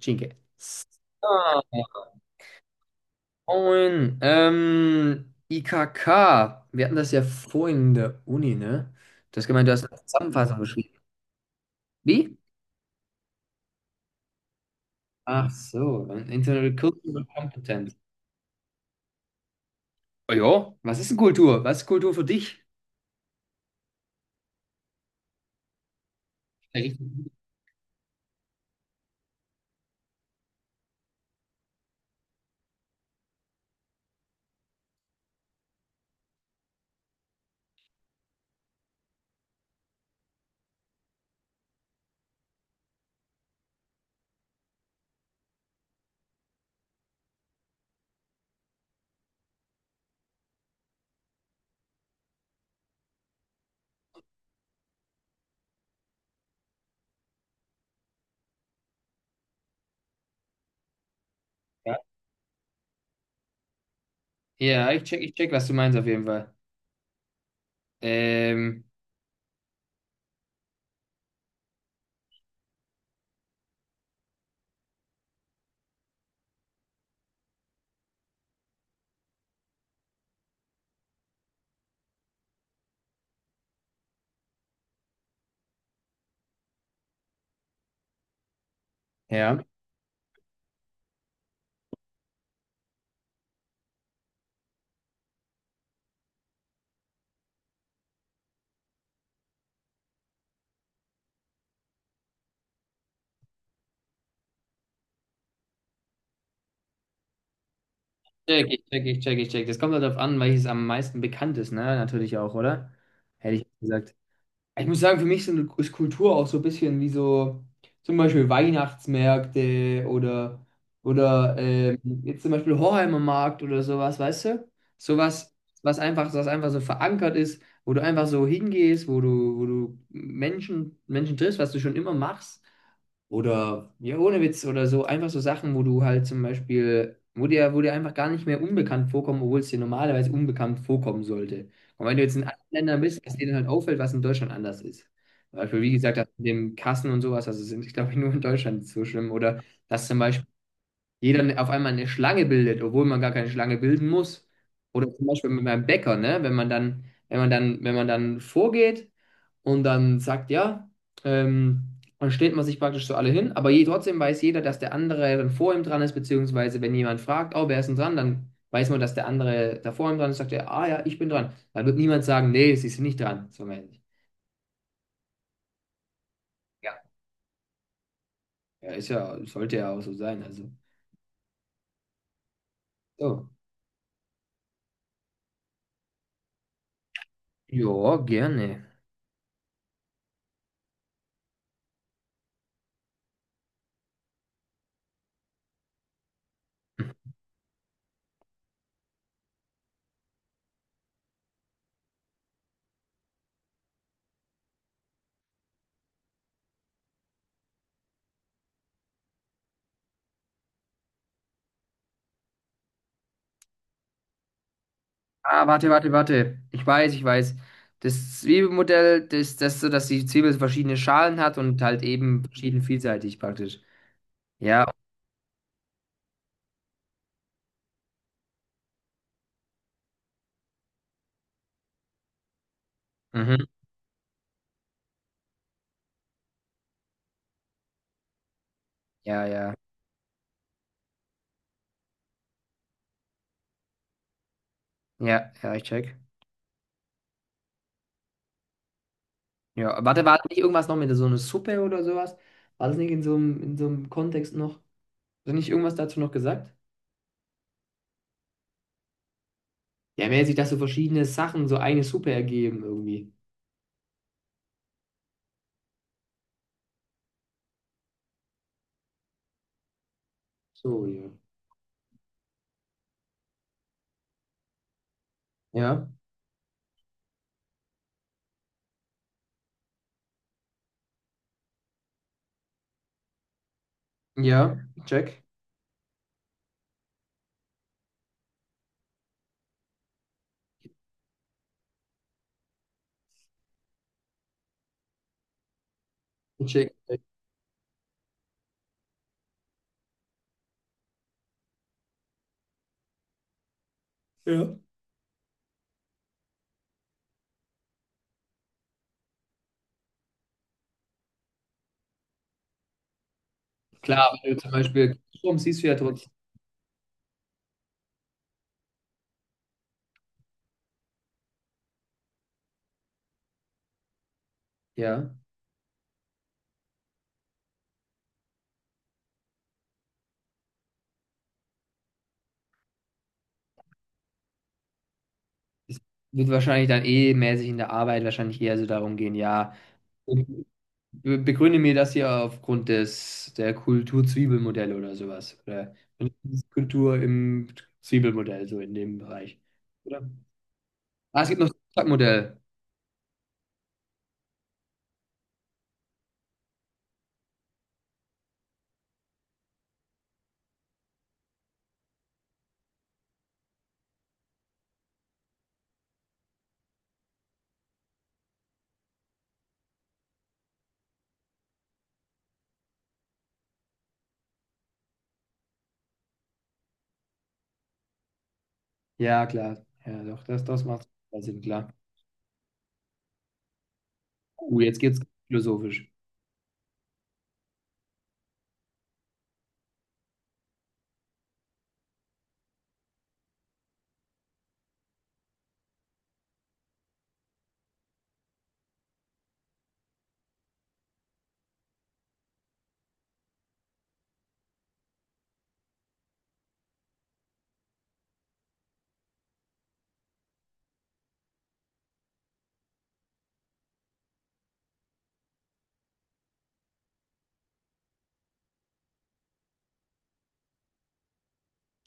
Cinque. Ah, moin. IKK. Wir hatten das ja vorhin in der Uni, ne? Du hast gemeint, du hast eine Zusammenfassung geschrieben. Wie? Ach so, ein Internal Cultural Competence. Oh ja, was ist denn Kultur? Was ist Kultur für dich? Ja, richtig. Ja, Ja, ich check, was du meinst auf jeden Fall. Ähm, Ja. Check. Das kommt halt darauf an, welches am meisten bekannt ist, ne? Natürlich auch, oder? Hätte ich gesagt. Ich muss sagen, für ist Kultur auch so ein bisschen wie so zum Beispiel Weihnachtsmärkte oder jetzt zum Beispiel Hoheimer Markt oder sowas, weißt du? Sowas, was einfach so verankert ist, wo du einfach so hingehst, wo du Menschen triffst, was du schon immer machst. Oder, ja, ohne Witz oder so, einfach so Sachen, wo du halt zum Beispiel, wo dir einfach gar nicht mehr unbekannt vorkommen, obwohl es dir normalerweise unbekannt vorkommen sollte. Und wenn du jetzt in anderen Ländern bist, dass dir dann halt auffällt, was in Deutschland anders ist. Zum Beispiel, wie gesagt, das mit dem Kassen und sowas, glaube ich, nur in Deutschland so schlimm. Oder dass zum Beispiel jeder auf einmal eine Schlange bildet, obwohl man gar keine Schlange bilden muss. Oder zum Beispiel mit meinem Bäcker, ne? Wenn man dann vorgeht und dann sagt, ja, dann stellt man sich praktisch so alle hin, trotzdem weiß jeder, dass der andere dann vor ihm dran ist, beziehungsweise wenn jemand fragt, oh, wer ist denn dran, dann weiß man, dass der andere da vor ihm dran ist, sagt er, ah ja, ich bin dran. Dann wird niemand sagen, nee, sie sind nicht dran, so mäßig. Ja. Ja, ist ja, sollte ja auch so sein, also. So. Ja, gerne. Ah, warte. Ich weiß. Das Zwiebelmodell, das, ist das so, dass die Zwiebel verschiedene Schalen hat und halt eben verschieden vielseitig praktisch. Ja, mhm. Ja, ja. Ja, ja, ich check. Ja, warte, war das nicht irgendwas noch mit so einer Suppe oder sowas? War das nicht in so einem, in so einem Kontext noch? Hast du nicht irgendwas dazu noch gesagt? Ja, mäßig, dass so verschiedene Sachen so eine Suppe ergeben irgendwie. So, ja. Ja, ja, ich check. Ich check. Check. Ja. Klar, wenn du zum Beispiel Kirschbaum siehst du ja trotzdem. Ja. Es wird wahrscheinlich dann eh mäßig in der Arbeit wahrscheinlich eher so darum gehen, ja, be- begründe mir das hier aufgrund des der Kultur-Zwiebelmodelle oder sowas. Oder Kultur im Zwiebelmodell, so in dem Bereich. Oder? Ah, es gibt noch das Stockmodell. Ja, klar. Ja, doch, das, das macht total Sinn, klar. Jetzt geht's philosophisch.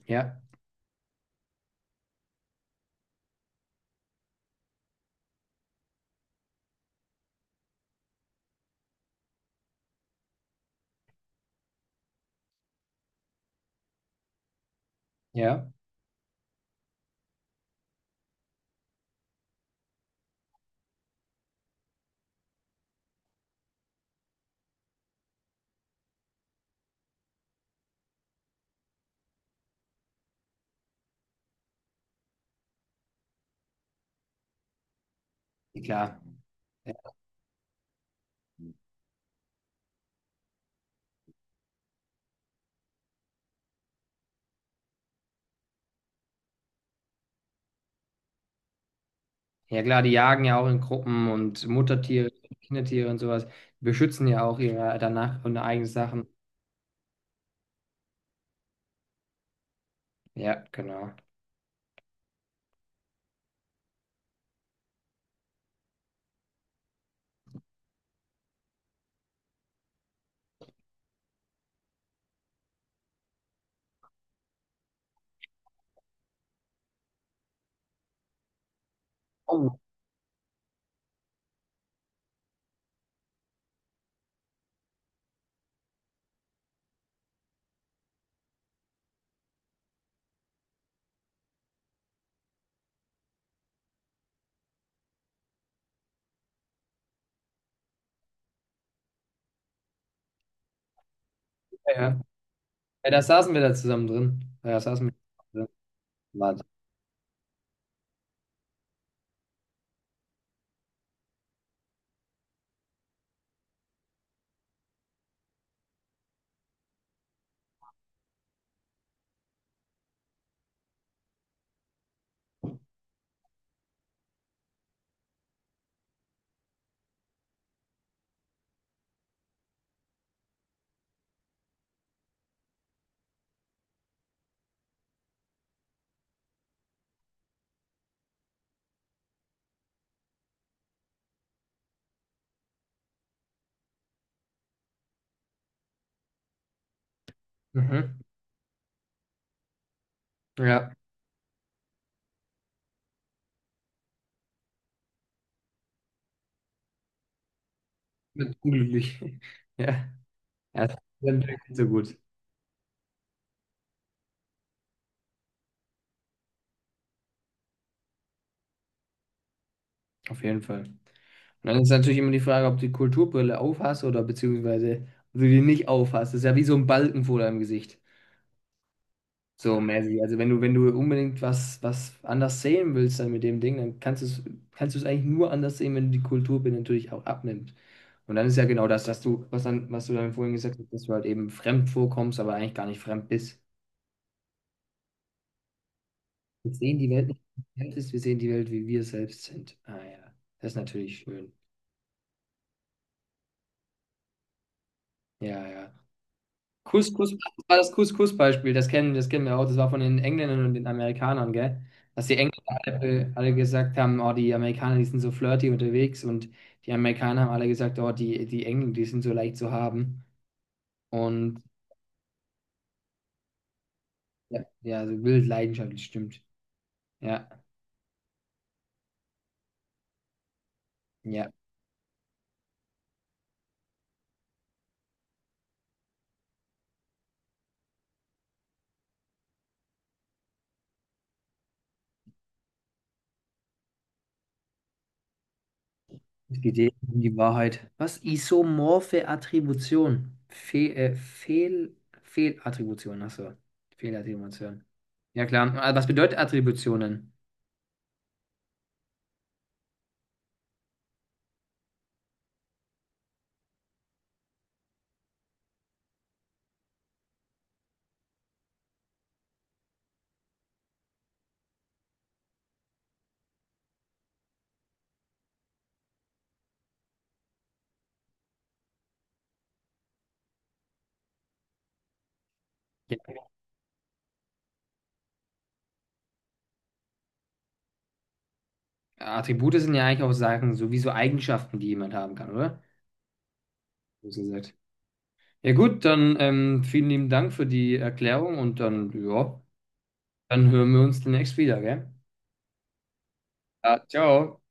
Ja, ja, klar. Ja, klar, die jagen ja auch in Gruppen und Muttertiere, Kindertiere und sowas. Die beschützen ja auch ihre danach und eigene Sachen. Ja, genau. Oh. Ja, ja, da saßen wir da zusammen drin. Ja, da saßen wir zusammen drin. Wahnsinn. Mhm. Ja, mit unglücklich. Ja, ja, das ist natürlich nicht so gut. Auf jeden Fall. Und dann ist natürlich immer die Frage, ob du die Kulturbrille aufhast oder beziehungsweise ob du die nicht aufhast. Das ist ja wie so ein Balken vor deinem Gesicht. So mäßig. Also wenn du unbedingt was anders sehen willst dann mit dem Ding, dann kannst du es eigentlich nur anders sehen, wenn du die Kultur natürlich auch abnimmt. Und dann ist ja genau das, dass du, was du dann vorhin gesagt hast, dass du halt eben fremd vorkommst, aber eigentlich gar nicht fremd bist. Wir sehen die Welt nicht, wie sie ist, wir sehen die Welt, wie wir selbst sind. Ah ja, das ist natürlich schön. Ja, ja. Couscous, das war das Couscous-Beispiel, das kennen wir auch, das war von den Engländern und den Amerikanern, gell? Dass die Engländer alle gesagt haben, oh, die Amerikaner, die sind so flirty unterwegs und die Amerikaner haben alle gesagt, oh, die Engländer, die sind so leicht zu haben und ja, ja, so wild leidenschaftlich, stimmt. Ja, ja, es geht eh um die Wahrheit. Was? Isomorphe Attribution? Fe Fehl Fehlattribution, achso, Fehlattribution. Ja klar, aber was bedeutet Attributionen? Attribute sind ja eigentlich auch Sachen, sowieso Eigenschaften, die jemand haben kann, oder? So gesagt. Ja gut, dann vielen lieben Dank für die Erklärung und dann, ja, dann hören wir uns demnächst wieder, gell? Ja, ciao.